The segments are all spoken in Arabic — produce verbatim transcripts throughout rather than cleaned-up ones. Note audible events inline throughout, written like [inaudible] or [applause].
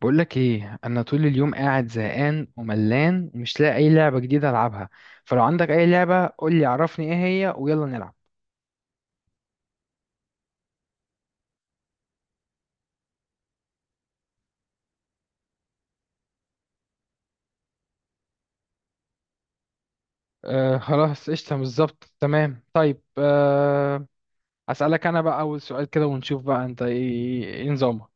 بقولك ايه، انا طول اليوم قاعد زهقان وملان ومش لاقي اي لعبة جديدة العبها. فلو عندك اي لعبة قولي، عرفني ايه هي ويلا نلعب. آه خلاص، قشطة، بالظبط، تمام، طيب. آه اسألك انا بقى اول سؤال كده ونشوف بقى انت ايه، إيه نظامك؟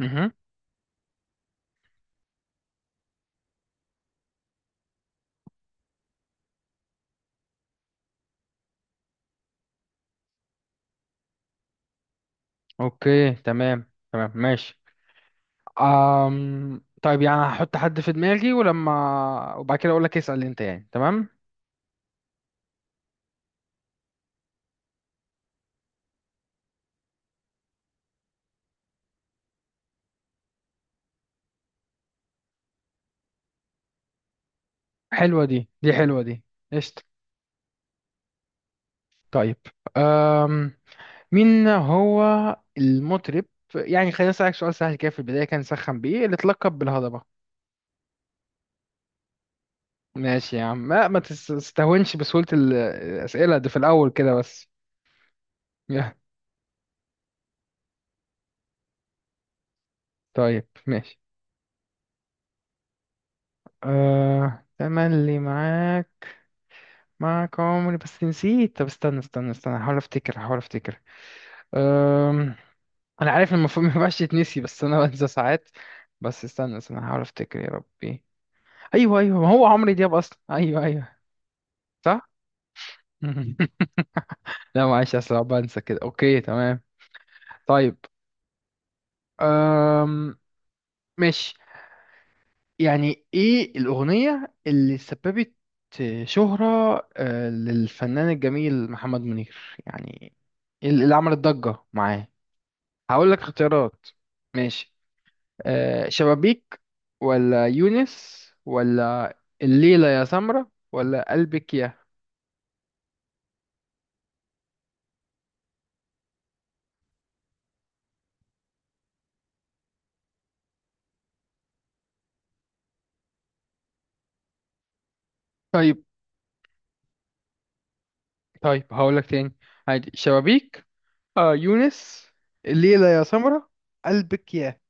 مهم. اوكي، تمام تمام ماشي. أم... طيب، يعني هحط حد في دماغي ولما وبعد كده اقولك اسأل انت، يعني تمام. حلوة دي دي حلوة دي. قشطة. طيب، مين هو المطرب؟ يعني خلينا أسألك سؤال سهل كده في البداية، كان سخن بإيه، اللي اتلقب بالهضبة. ماشي يا عم، ما, ما تس- تستهونش بسهولة ال- الأسئلة دي في الأول كده بس. يا طيب ماشي. آه تملي معاك، معاك عمري، بس نسيت. طب استنى استنى استنى، هحاول أفتكر هحاول أفتكر. أم... أنا عارف المفروض [laughs] ما ينفعش يتنسي، بس أنا بنسى ساعات. بس استنى استنى هحاول أفتكر يا ربي. أيوه أيوه، ما هو عمرو دياب أصلا، أيوه أيوه. صح. [laughs] لا معلش، اصل أنا بنسى كده. اوكي تمام. طيب. أم... ماشي. يعني ايه الاغنية اللي سببت شهرة، آه، للفنان الجميل محمد منير، يعني اللي اللي عملت ضجة معاه؟ هقول لك اختيارات ماشي. أه شبابيك، ولا يونس، ولا الليلة يا سمرة، ولا قلبك يا. طيب طيب، هقول لك تاني، عادي. شبابيك، آه يونس، الليلة يا سمرة، قلبك يا.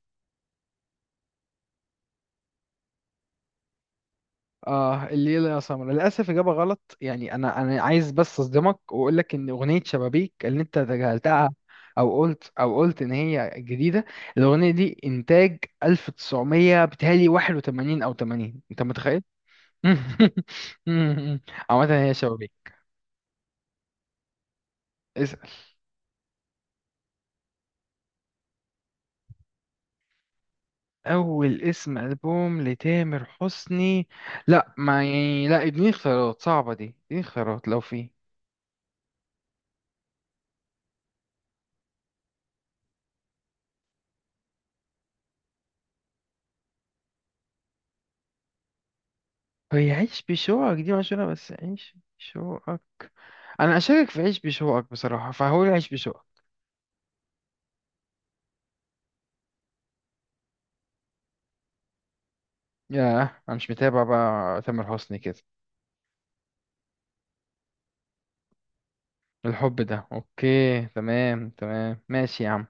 اه الليلة يا سمر للأسف إجابة غلط. يعني أنا أنا عايز بس أصدمك وأقول لك إن أغنية شبابيك اللي أنت تجاهلتها أو قلت أو قلت إن هي جديدة، الأغنية دي إنتاج ألف وتسعمية، بتهيألي واحد وثمانين أو ثمانين، أنت متخيل؟ [laughs] عامة هي شبابيك. اسأل. أول اسم ألبوم لتامر حسني؟ لا ما يعني لا اديني اختيارات صعبة، دي اديني اختيارات لو في. هي عيش بشوقك دي مشهورة، بس عيش بشوقك، انا اشارك في عيش بشوقك بصراحه، فهقول عيش بشوقك. ياه انا مش متابع بقى تامر حسني كده. الحب ده، اوكي تمام تمام ماشي يا عم.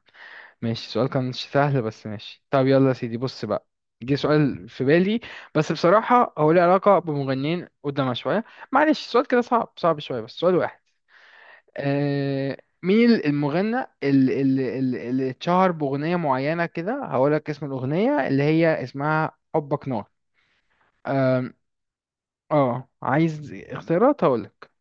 ماشي، السؤال كان مش سهل بس ماشي. طب يلا يا سيدي بص بقى. جه سؤال في بالي، بس بصراحه هو ليه علاقه بمغنيين قدامها شويه، معلش السؤال كده صعب صعب شويه، بس سؤال واحد. آه. مين المغنى اللي اللي اللي اللي اتشهر باغنيه معينه كده؟ هقول لك اسم الاغنيه اللي هي اسمها حبك نار. اه عايز اختيارات هقولك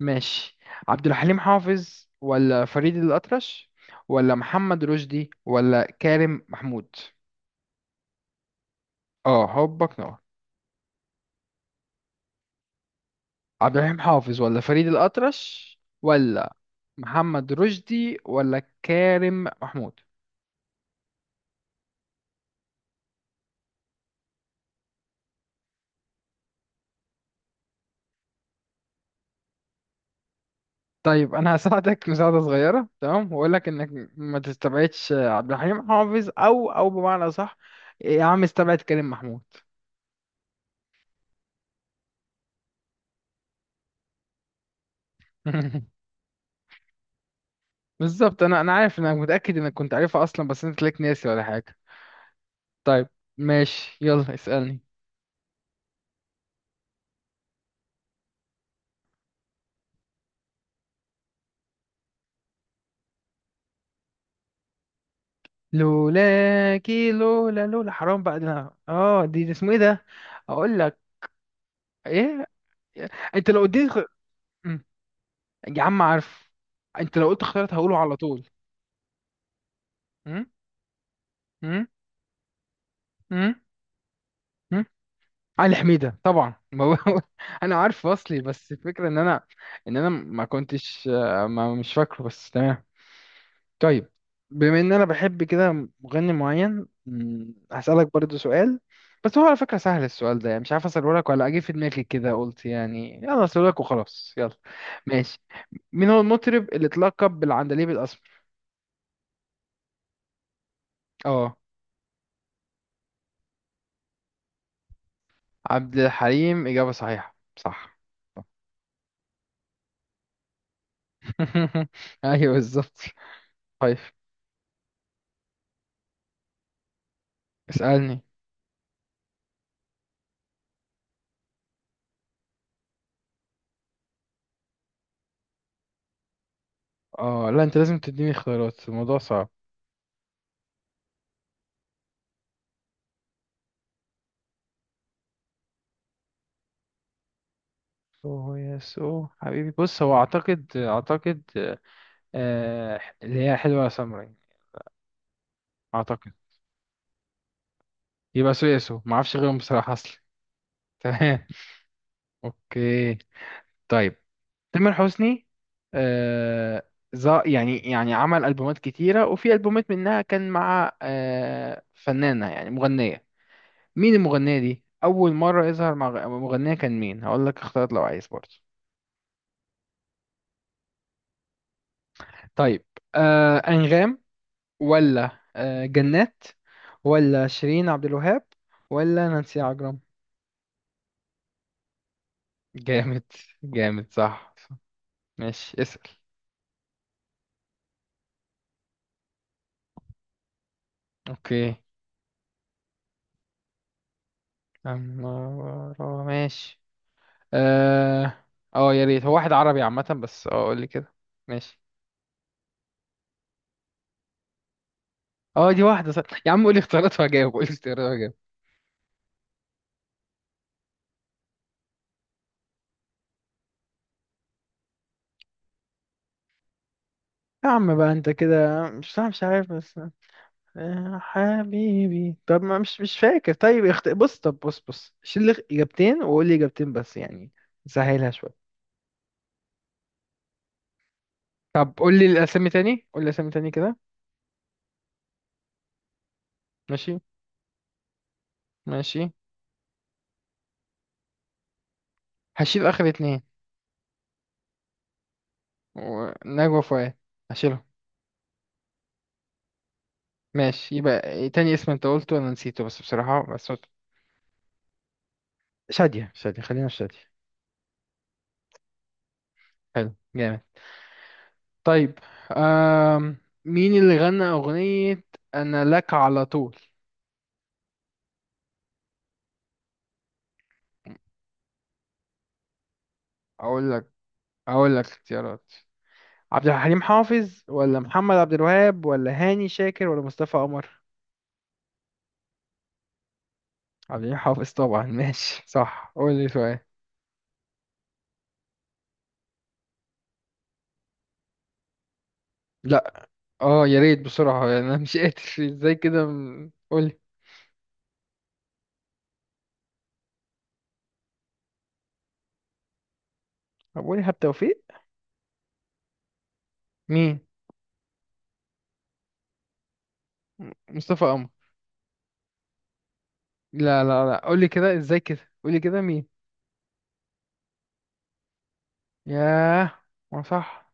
ماشي. عبد الحليم حافظ، ولا فريد الأطرش، ولا محمد رشدي، ولا كارم محمود. اه حبك نار. عبد الحليم حافظ، ولا فريد الأطرش، ولا محمد رشدي، ولا كارم محمود. طيب انا هساعدك [laughs] مساعدة صغيرة، تمام، واقول لك انك ما تستبعدش عبد الحليم حافظ او او بمعنى صح. يا عم استبعد كريم محمود. [laughs] بالظبط، انا انا عارف انك متاكد انك كنت عارفها اصلا، بس انت تلاقيك ناسي ولا حاجه. طيب ماشي، يلا اسالني. لولاكي، لولا لولا، حرام بقى ده. اه دي, دي اسمه ايه ده؟ اقول لك ايه؟ انت لو اديت خ... مم. يا عم عارف، انت لو قلت اختيارات هقوله على طول. مم؟ مم؟ مم؟ مم؟ علي حميده طبعا، ما هو- [laughs] انا عارف اصلي، بس الفكره ان انا ان انا ما كنتش، ما مش فاكره، بس تمام. طيب، بما ان انا بحب كده مغني معين، مم، هسألك برضو سؤال، بس هو على فكرة سهل السؤال ده، يعني مش عارف اسأله لك ولا اجي في دماغي كده قلت يعني يلا اسأله لك وخلاص يلا. ماشي. مين هو المطرب اللي اتلقب بالعندليب الاسمر؟ اه عبد الحليم، إجابة صحيحة صح. [laughs] ايوه بالظبط. طيب اسألني. اه لا انت لازم تديني اختيارات، الموضوع صعب. سو يا سو حبيبي، بص هو اعتقد اعتقد، آه، اللي هي حلوة يا سمرة. اعتقد يبقى سويسو، ما اعرفش غيرهم بصراحه اصلا. [laughs] تمام، اوكي. طيب. تامر حسني آه، ز- يعني يعني عمل البومات كتيره، وفي البومات منها كان مع آه فنانه يعني مغنيه. مين المغنيه دي؟ اول مره يظهر مع غ- مغنيه كان مين؟ هقول لك اختيارات لو عايز برضه. طيب. آه انغام، ولا آه جنات، ولا شيرين عبد الوهاب، ولا نانسي عجرم. جامد جامد، صح صح. ماشي اسأل. اوكي. عمارة ماشي اه. اه يا ريت، هو واحد عربي عامة، بس اه قول لي كده ماشي. اه دي واحدة صح. يا عم قول لي اختيارات وهجاوب، قول لي اختيارات وهجاوب. يا عم بقى انت كده، مش مش عارف بس. يا حبيبي، طب ما مش مش فاكر. طيب اخت... بص، طب بص بص شيل لي اجابتين وقول لي اجابتين، بس يعني سهلها شويه. طب قول لي الأسامي تاني، قول لي الأسامي تاني كده. ماشي ماشي. هشيل آخر اتنين، و- نجوى فؤاد، هشيلهم. ماشي، يبقى إيه تاني اسم انت قلته انا نسيته، بس بصراحة بس قلت- شادية. شادية، خلينا في شادية. حلو جامد. طيب. آم... مين اللي غنى أغنية أنا لك على طول؟ أقول لك، أقول لك اختيارات. عبد الحليم حافظ، ولا محمد عبد الوهاب، ولا هاني شاكر، ولا مصطفى قمر. عبد الحليم حافظ طبعا. [laughs] ماشي صح، قول لي سؤال. لا اه يا ريت بسرعة [laughs] انا مش قادر. ازاي كده، م- قول لي. طب قول لي إيهاب توفيق. مين؟ م- مصطفى قمر. لا لا لا قولي كده، ازاي كده قولي كده مين؟ ياه، ما صح.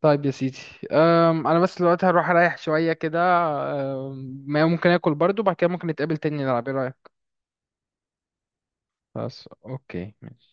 طيب يا سيدي. أم انا بس دلوقتي هروح اريح شويه كده. أم، ما ممكن اكل برضو بعد كده، ممكن نتقابل تاني نلعب ايه رايك؟ بس اوكي ماشي.